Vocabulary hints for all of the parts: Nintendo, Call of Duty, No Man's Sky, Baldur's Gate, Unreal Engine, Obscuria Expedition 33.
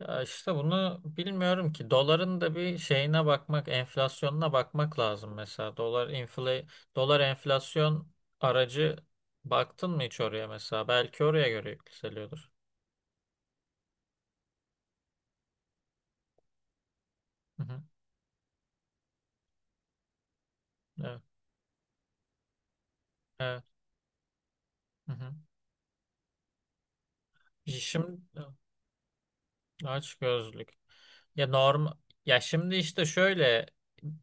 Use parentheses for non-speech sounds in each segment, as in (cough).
Ya işte bunu bilmiyorum ki. Doların da bir şeyine bakmak, enflasyonuna bakmak lazım mesela. Dolar enflasyon aracı baktın mı hiç oraya mesela? Belki oraya göre yükseliyordur. Hı hı. Evet. Evet. Hı hı. Şimdi aç gözlük. Ya norm ya şimdi işte şöyle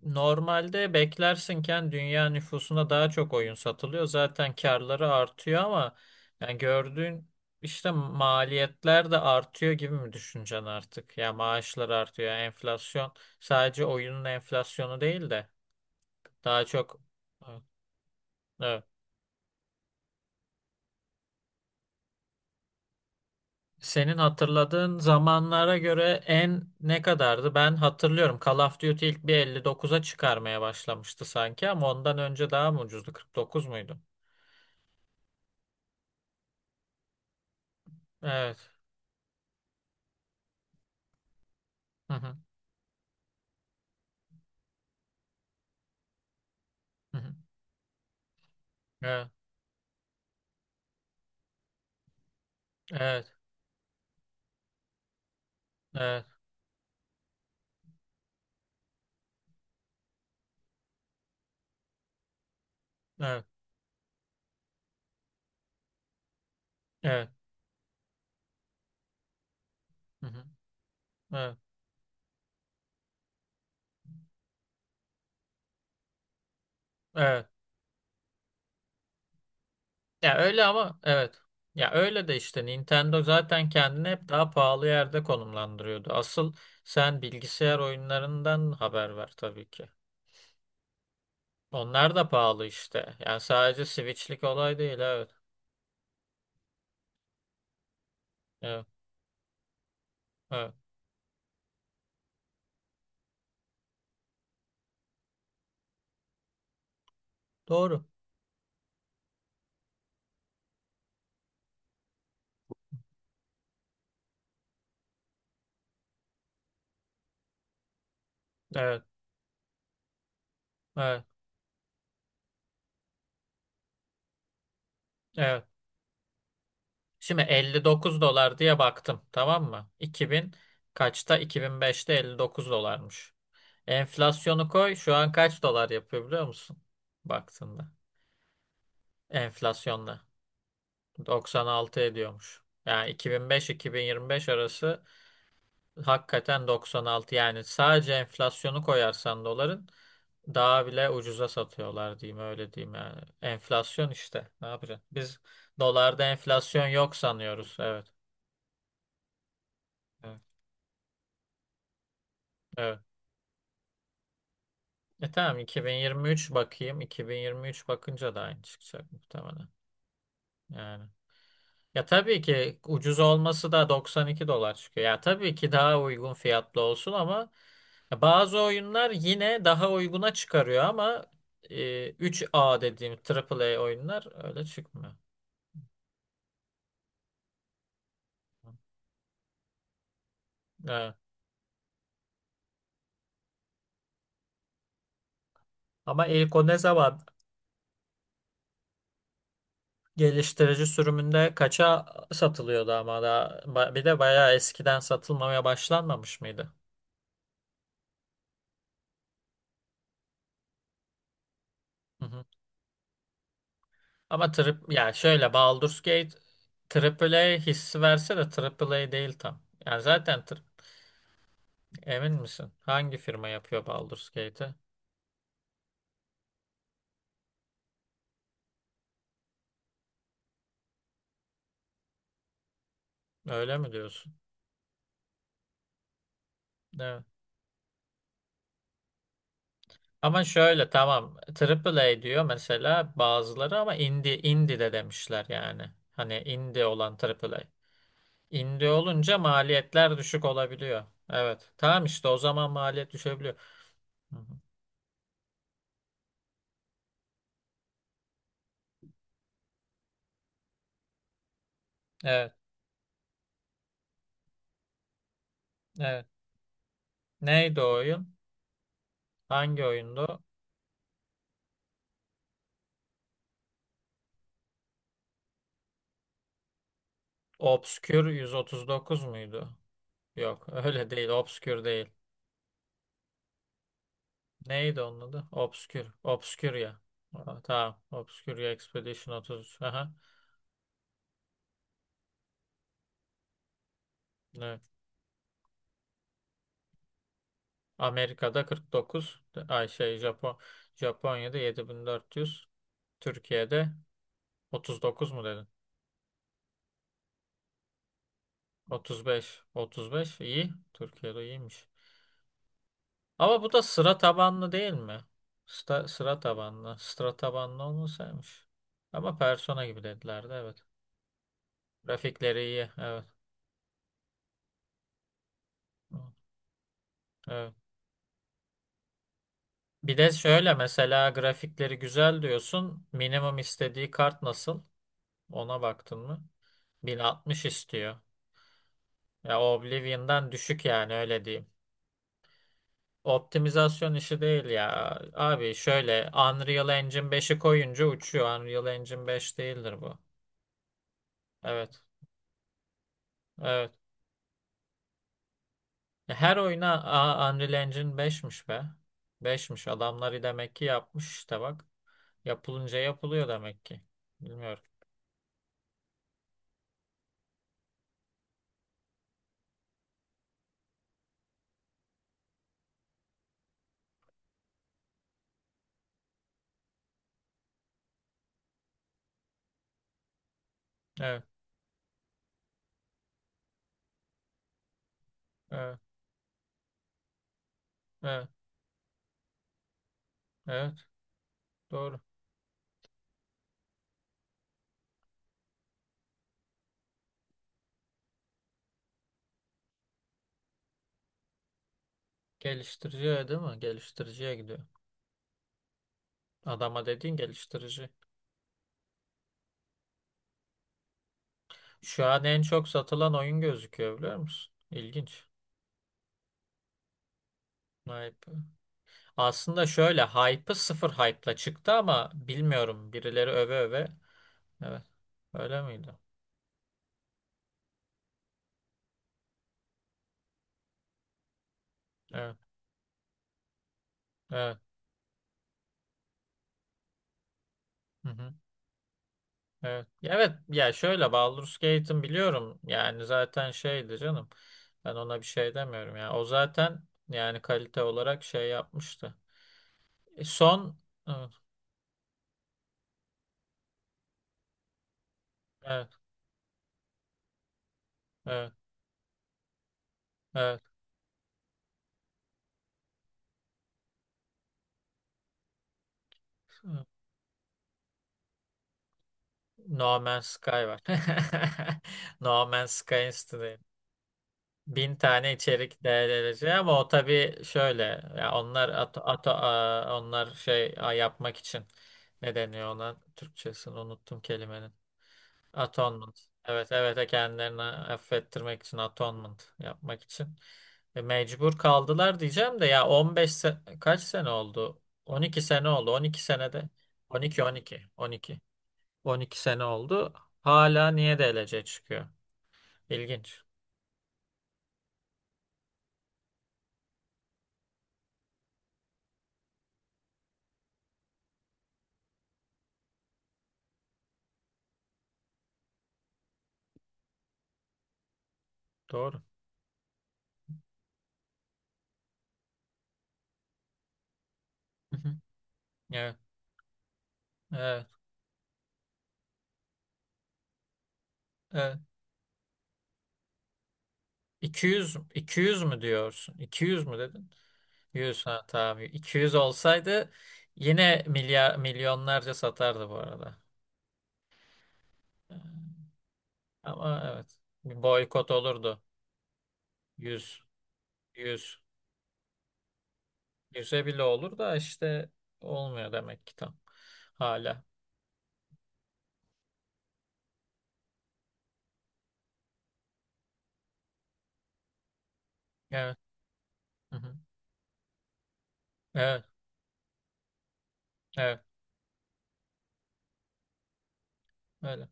normalde beklersinken dünya nüfusuna daha çok oyun satılıyor. Zaten karları artıyor ama yani gördüğün işte maliyetler de artıyor gibi mi düşüneceksin artık? Ya maaşlar artıyor, yani enflasyon sadece oyunun enflasyonu değil de daha çok evet. Senin hatırladığın zamanlara göre ne kadardı? Ben hatırlıyorum. Call of Duty ilk bir 59'a çıkarmaya başlamıştı sanki ama ondan önce daha mı ucuzdu? 49 muydu? Evet. Hı hı. Hı hı. Evet. Evet. Evet. Evet. Evet. Hı hı. Evet. Evet. Ya öyle ama evet. Ya öyle de işte Nintendo zaten kendini hep daha pahalı yerde konumlandırıyordu. Asıl sen bilgisayar oyunlarından haber ver tabii ki. Onlar da pahalı işte. Yani sadece Switch'lik olay değil. Evet. Evet. Evet. Doğru. Evet. Evet. Evet. Şimdi 59 dolar diye baktım. Tamam mı? İki bin kaçta? 2005'te 59 dolarmış. Enflasyonu koy. Şu an kaç dolar yapıyor biliyor musun? Baktığında. Enflasyonla. 96 ediyormuş. Yani iki bin beş-iki bin beş yirmi beş arası hakikaten 96. Yani sadece enflasyonu koyarsan doların daha bile ucuza satıyorlar diyeyim öyle diyeyim yani. Enflasyon işte. Ne yapacaksın? Biz dolarda enflasyon yok sanıyoruz. Evet. Evet. Evet. Tamam 2023 bakayım. 2023 bakınca da aynı çıkacak muhtemelen. Yani. Ya tabii ki ucuz olması da 92 dolar çıkıyor. Ya tabii ki daha uygun fiyatlı olsun ama bazı oyunlar yine daha uyguna çıkarıyor ama 3A dediğim A A A oyunlar öyle çıkmıyor. Evet. Ama ilk o ne zaman geliştirici sürümünde kaça satılıyordu ama da bir de bayağı eskiden satılmamaya başlanmamış mıydı? Hı hı. Ama ya şöyle Baldur's Gate AAA hissi verse de AAA değil tam. Yani zaten emin misin? Hangi firma yapıyor Baldur's Gate'i? Öyle mi diyorsun? Evet. Ama şöyle tamam AAA diyor mesela bazıları ama indie indie de demişler yani. Hani indie olan AAA. İndi olunca maliyetler düşük olabiliyor. Evet. Tamam işte o zaman maliyet düşebiliyor. Hı hı. Evet. Evet. Neydi o oyun? Hangi oyundu? Obscure 139 muydu? Yok, (laughs) öyle değil. Obscure değil. Neydi onun adı? Obscure. Obscuria. Aa, tamam. Obscuria Expedition 33. Aha. Evet. Amerika'da 49. Ay, Japonya'da 7.400. Türkiye'de 39 mu dedin? 35, 35 iyi. Türkiye'de iyiymiş. Ama bu da sıra tabanlı değil mi? Sıra tabanlı. Sıra tabanlı olmasaymış. Ama persona gibi dediler de evet. Grafikleri iyi. Evet. Evet. Bir de şöyle mesela grafikleri güzel diyorsun. Minimum istediği kart nasıl? Ona baktın mı? 1060 istiyor. Ya Oblivion'dan düşük yani öyle diyeyim. Optimizasyon işi değil ya. Abi şöyle Unreal Engine 5'i koyunca uçuyor. Unreal Engine beş değildir bu. Evet. Evet. Unreal Engine 5'miş be. 5'miş adamları demek ki yapmış işte bak. Yapılınca yapılıyor demek ki. Bilmiyorum. Evet. Evet. Evet. Evet. Doğru. Geliştiriciye değil mi? Geliştiriciye gidiyor. Adama dediğin geliştirici. Şu an en çok satılan oyun gözüküyor biliyor musun? İlginç. Vay be. Aslında şöyle hype'ı sıfır hype'la çıktı ama bilmiyorum birileri öve öve. Evet. Öyle miydi? Evet. Evet. Hı hı. Evet. Ya evet ya şöyle Baldur's Gate'in biliyorum yani zaten şeydi canım. Ben ona bir şey demiyorum ya. O zaten yani kalite olarak şey yapmıştı. E, son evet evet evet. Evet. No Man's Sky var. (laughs) No Man's Sky. 1.000 tane içerik değerlenecek ama o tabii şöyle ya onlar yapmak için ne deniyor ona Türkçesini unuttum kelimenin. Atonement. Evet evet kendilerini affettirmek için atonement yapmak için mecbur kaldılar diyeceğim de ya 15 kaç sene oldu? 12 sene oldu. 12 senede on on iki on iki on iki 12 sene oldu. Hala niye DLC çıkıyor? İlginç. Doğru. Hı hı. Evet. Evet. Evet. 200 200 mü diyorsun? 200 mü dedin? 100 ha tamam. 200 olsaydı yine milyonlarca satardı bu arada. Ee, Ama evet. Bir boykot olurdu. 100 100 100'e bile olur da işte olmuyor demek ki tam. Hala. Evet. Hı hı. Evet. Evet. Öyle.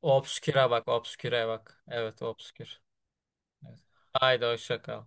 Obsküre bak, obsküre bak. Evet, obskür. Evet. Haydi hoşça kal.